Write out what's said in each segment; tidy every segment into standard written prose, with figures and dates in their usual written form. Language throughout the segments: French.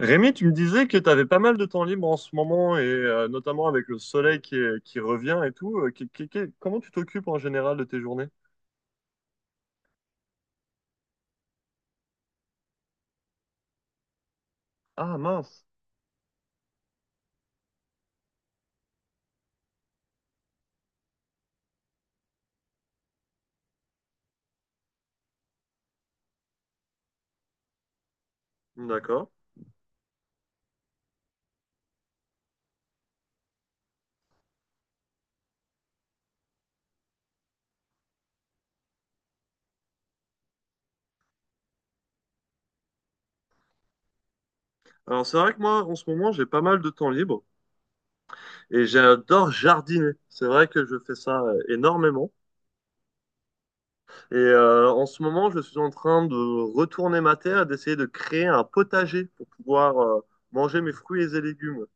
Rémi, tu me disais que tu avais pas mal de temps libre en ce moment, et notamment avec le soleil qui revient et tout. Comment tu t'occupes en général de tes journées? Ah mince. D'accord. Alors c'est vrai que moi, en ce moment, j'ai pas mal de temps libre et j'adore jardiner. C'est vrai que je fais ça énormément. Et en ce moment, je suis en train de retourner ma terre, d'essayer de créer un potager pour pouvoir manger mes fruits et légumes.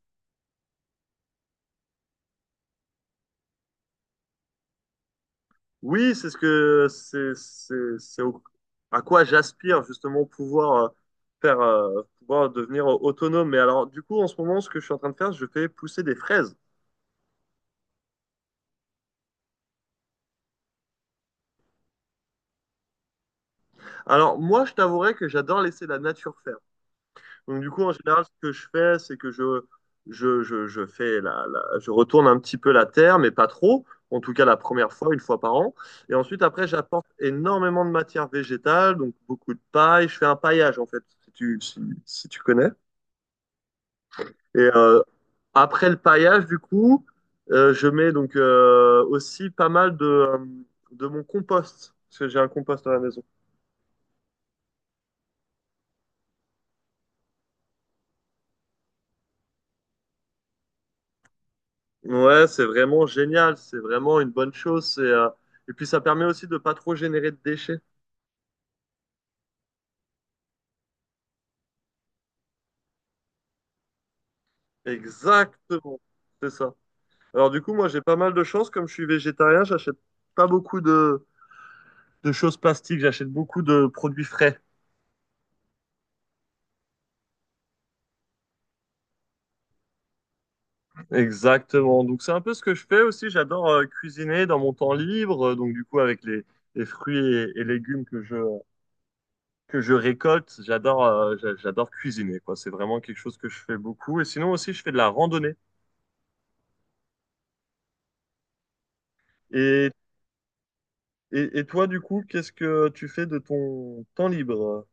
Oui, c'est ce que à quoi j'aspire justement pouvoir faire pouvoir devenir autonome. Mais alors du coup en ce moment ce que je suis en train de faire, je fais pousser des fraises. Alors moi je t'avouerai que j'adore laisser la nature faire. Donc du coup en général ce que je fais c'est que je fais je retourne un petit peu la terre mais pas trop. En tout cas la première fois une fois par an. Et ensuite après j'apporte énormément de matière végétale donc beaucoup de paille. Je fais un paillage en fait si tu connais. Et après le paillage, du coup, je mets donc aussi pas mal de mon compost, parce que j'ai un compost à la maison. Ouais, c'est vraiment génial, c'est vraiment une bonne chose. Et puis ça permet aussi de pas trop générer de déchets. Exactement, c'est ça. Alors du coup, moi j'ai pas mal de chance, comme je suis végétarien, j'achète pas beaucoup de choses plastiques, j'achète beaucoup de produits frais. Exactement. Donc c'est un peu ce que je fais aussi. J'adore cuisiner dans mon temps libre. Donc du coup avec les fruits et légumes que je récolte, j'adore j'adore cuisiner quoi. C'est vraiment quelque chose que je fais beaucoup. Et sinon aussi je fais de la randonnée. Et et toi du coup qu'est-ce que tu fais de ton temps libre?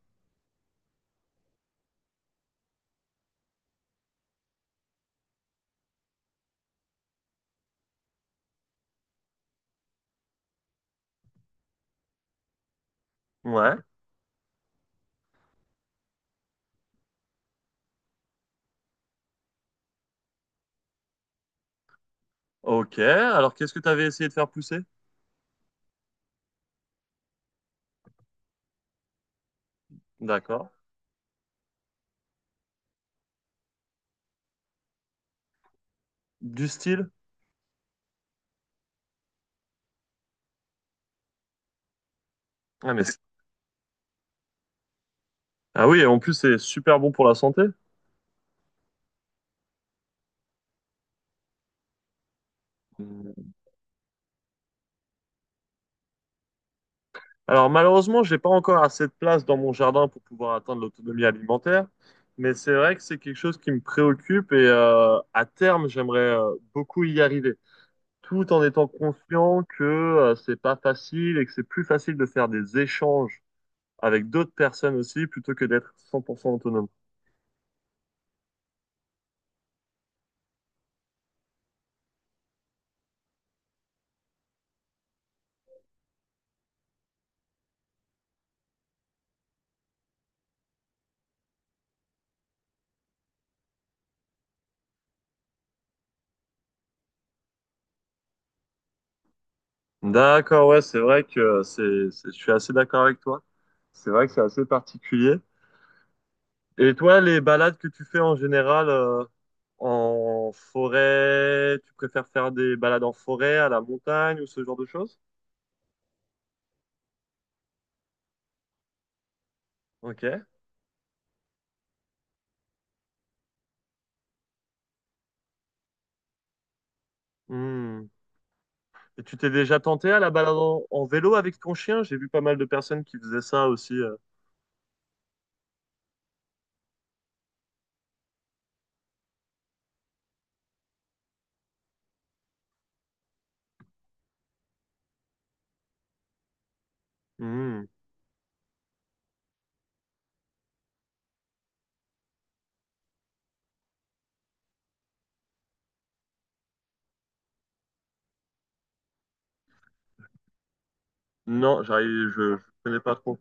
Ouais. Ok. Alors qu'est-ce que tu avais essayé de faire pousser? D'accord. Du style? Ah mais c'est- ah oui. Et en plus c'est super bon pour la santé. Alors malheureusement, j'ai pas encore assez de place dans mon jardin pour pouvoir atteindre l'autonomie alimentaire, mais c'est vrai que c'est quelque chose qui me préoccupe et à terme, j'aimerais beaucoup y arriver, tout en étant conscient que c'est pas facile et que c'est plus facile de faire des échanges avec d'autres personnes aussi plutôt que d'être 100% autonome. D'accord, ouais, c'est vrai que je suis assez d'accord avec toi. C'est vrai que c'est assez particulier. Et toi, les balades que tu fais en général en forêt, tu préfères faire des balades en forêt, à la montagne ou ce genre de choses? Ok. Hmm. Et tu t'es déjà tenté à la balade en vélo avec ton chien? J'ai vu pas mal de personnes qui faisaient ça aussi. Hmm. Non, j'arrive, je connais pas trop.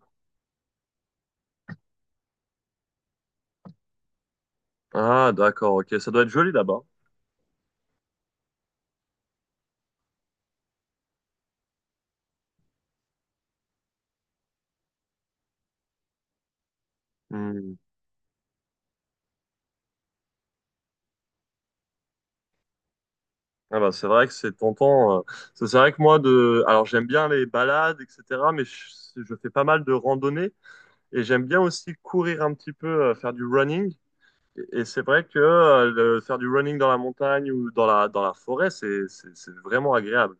Ah, d'accord, ok. Ça doit être joli là-bas. Hmm. Ah bah, c'est vrai que c'est tentant. C'est vrai que moi, de... alors j'aime bien les balades, etc., mais je fais pas mal de randonnées. Et j'aime bien aussi courir un petit peu, faire du running. Et c'est vrai que faire du running dans la montagne ou dans dans la forêt, c'est vraiment agréable.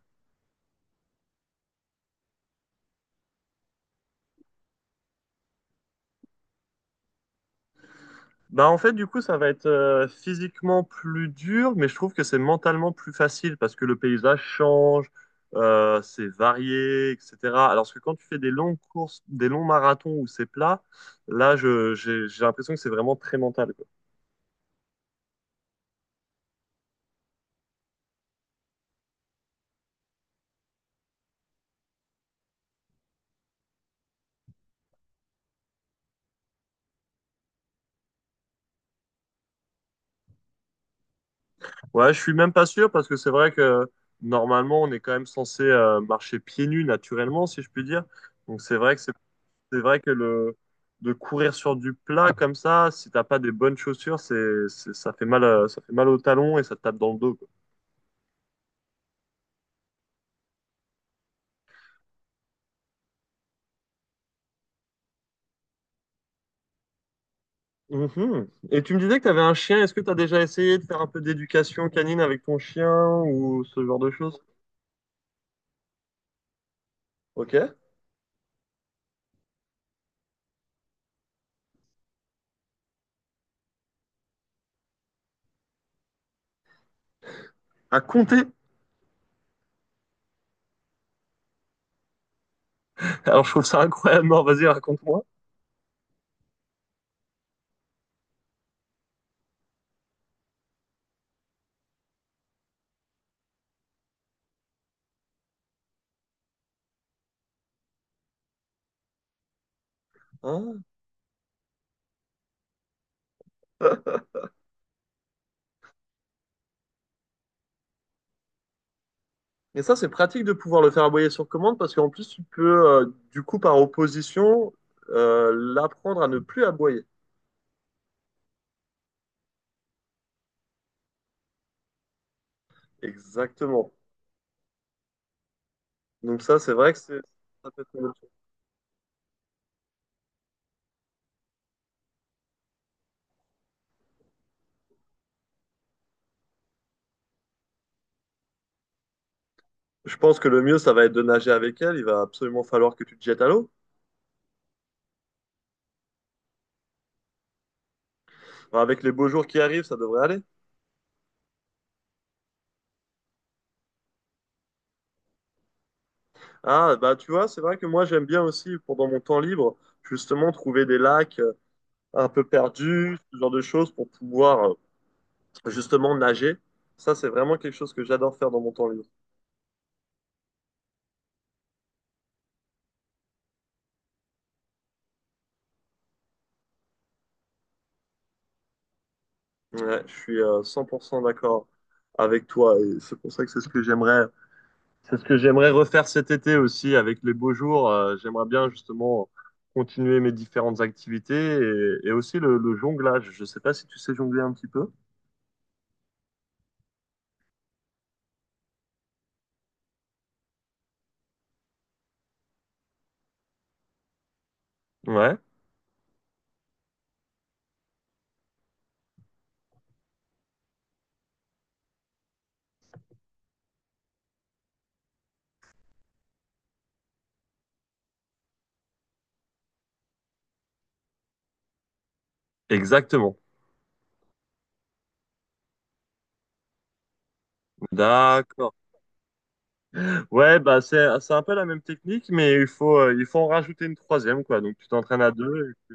Bah, en fait, du coup, ça va être physiquement plus dur, mais je trouve que c'est mentalement plus facile parce que le paysage change, c'est varié, etc. Alors que quand tu fais des longues courses, des longs marathons où c'est plat, là, j'ai l'impression que c'est vraiment très mental. Ouais, je suis même pas sûr parce que c'est vrai que normalement on est quand même censé marcher pieds nus naturellement, si je puis dire. Donc c'est vrai que le de courir sur du plat comme ça, si t'as pas des bonnes chaussures, ça fait mal au talon et ça te tape dans le dos, quoi. Mhm. Et tu me disais que tu avais un chien. Est-ce que tu as déjà essayé de faire un peu d'éducation canine avec ton chien ou ce genre de choses? Ok. À compter? Alors je trouve ça incroyable. Non, vas-y, raconte-moi. Hein. Et ça, c'est pratique de pouvoir le faire aboyer sur commande parce qu'en plus, tu peux, du coup, par opposition, l'apprendre à ne plus aboyer. Exactement. Donc ça, c'est vrai que c'est... ça peut être une option. Je pense que le mieux, ça va être de nager avec elle. Il va absolument falloir que tu te jettes à l'eau. Enfin, avec les beaux jours qui arrivent, ça devrait aller. Ah, bah tu vois, c'est vrai que moi, j'aime bien aussi, pendant mon temps libre, justement, trouver des lacs un peu perdus, ce genre de choses, pour pouvoir justement nager. Ça, c'est vraiment quelque chose que j'adore faire dans mon temps libre. Ouais, je suis 100% d'accord avec toi et c'est pour ça que c'est ce que j'aimerais refaire cet été aussi avec les beaux jours. J'aimerais bien justement continuer mes différentes activités et aussi le jonglage. Je sais pas si tu sais jongler un petit peu. Ouais, exactement. D'accord. Ouais, bah c'est un peu la même technique mais il faut en rajouter une troisième quoi. Donc tu t'entraînes à deux. Et-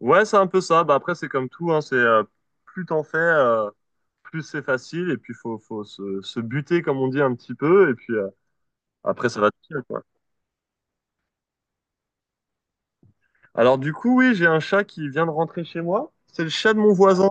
Ouais, c'est un peu ça. Bah après c'est comme tout hein, c'est plus t'en fais plus c'est facile et puis se buter comme on dit un petit peu et puis après ça va tout seul quoi. Alors du coup oui j'ai un chat qui vient de rentrer chez moi. C'est le chat de mon voisin.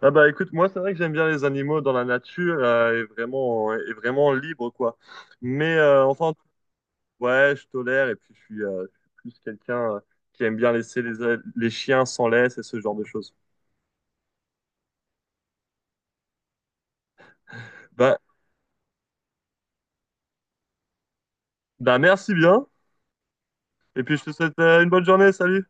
Ah bah écoute moi c'est vrai que j'aime bien les animaux dans la nature et vraiment libre quoi. Mais enfin ouais je tolère et puis je suis plus quelqu'un qui aime bien laisser les chiens sans laisse et ce genre de choses. Bah bah merci bien et puis je te souhaite une bonne journée salut.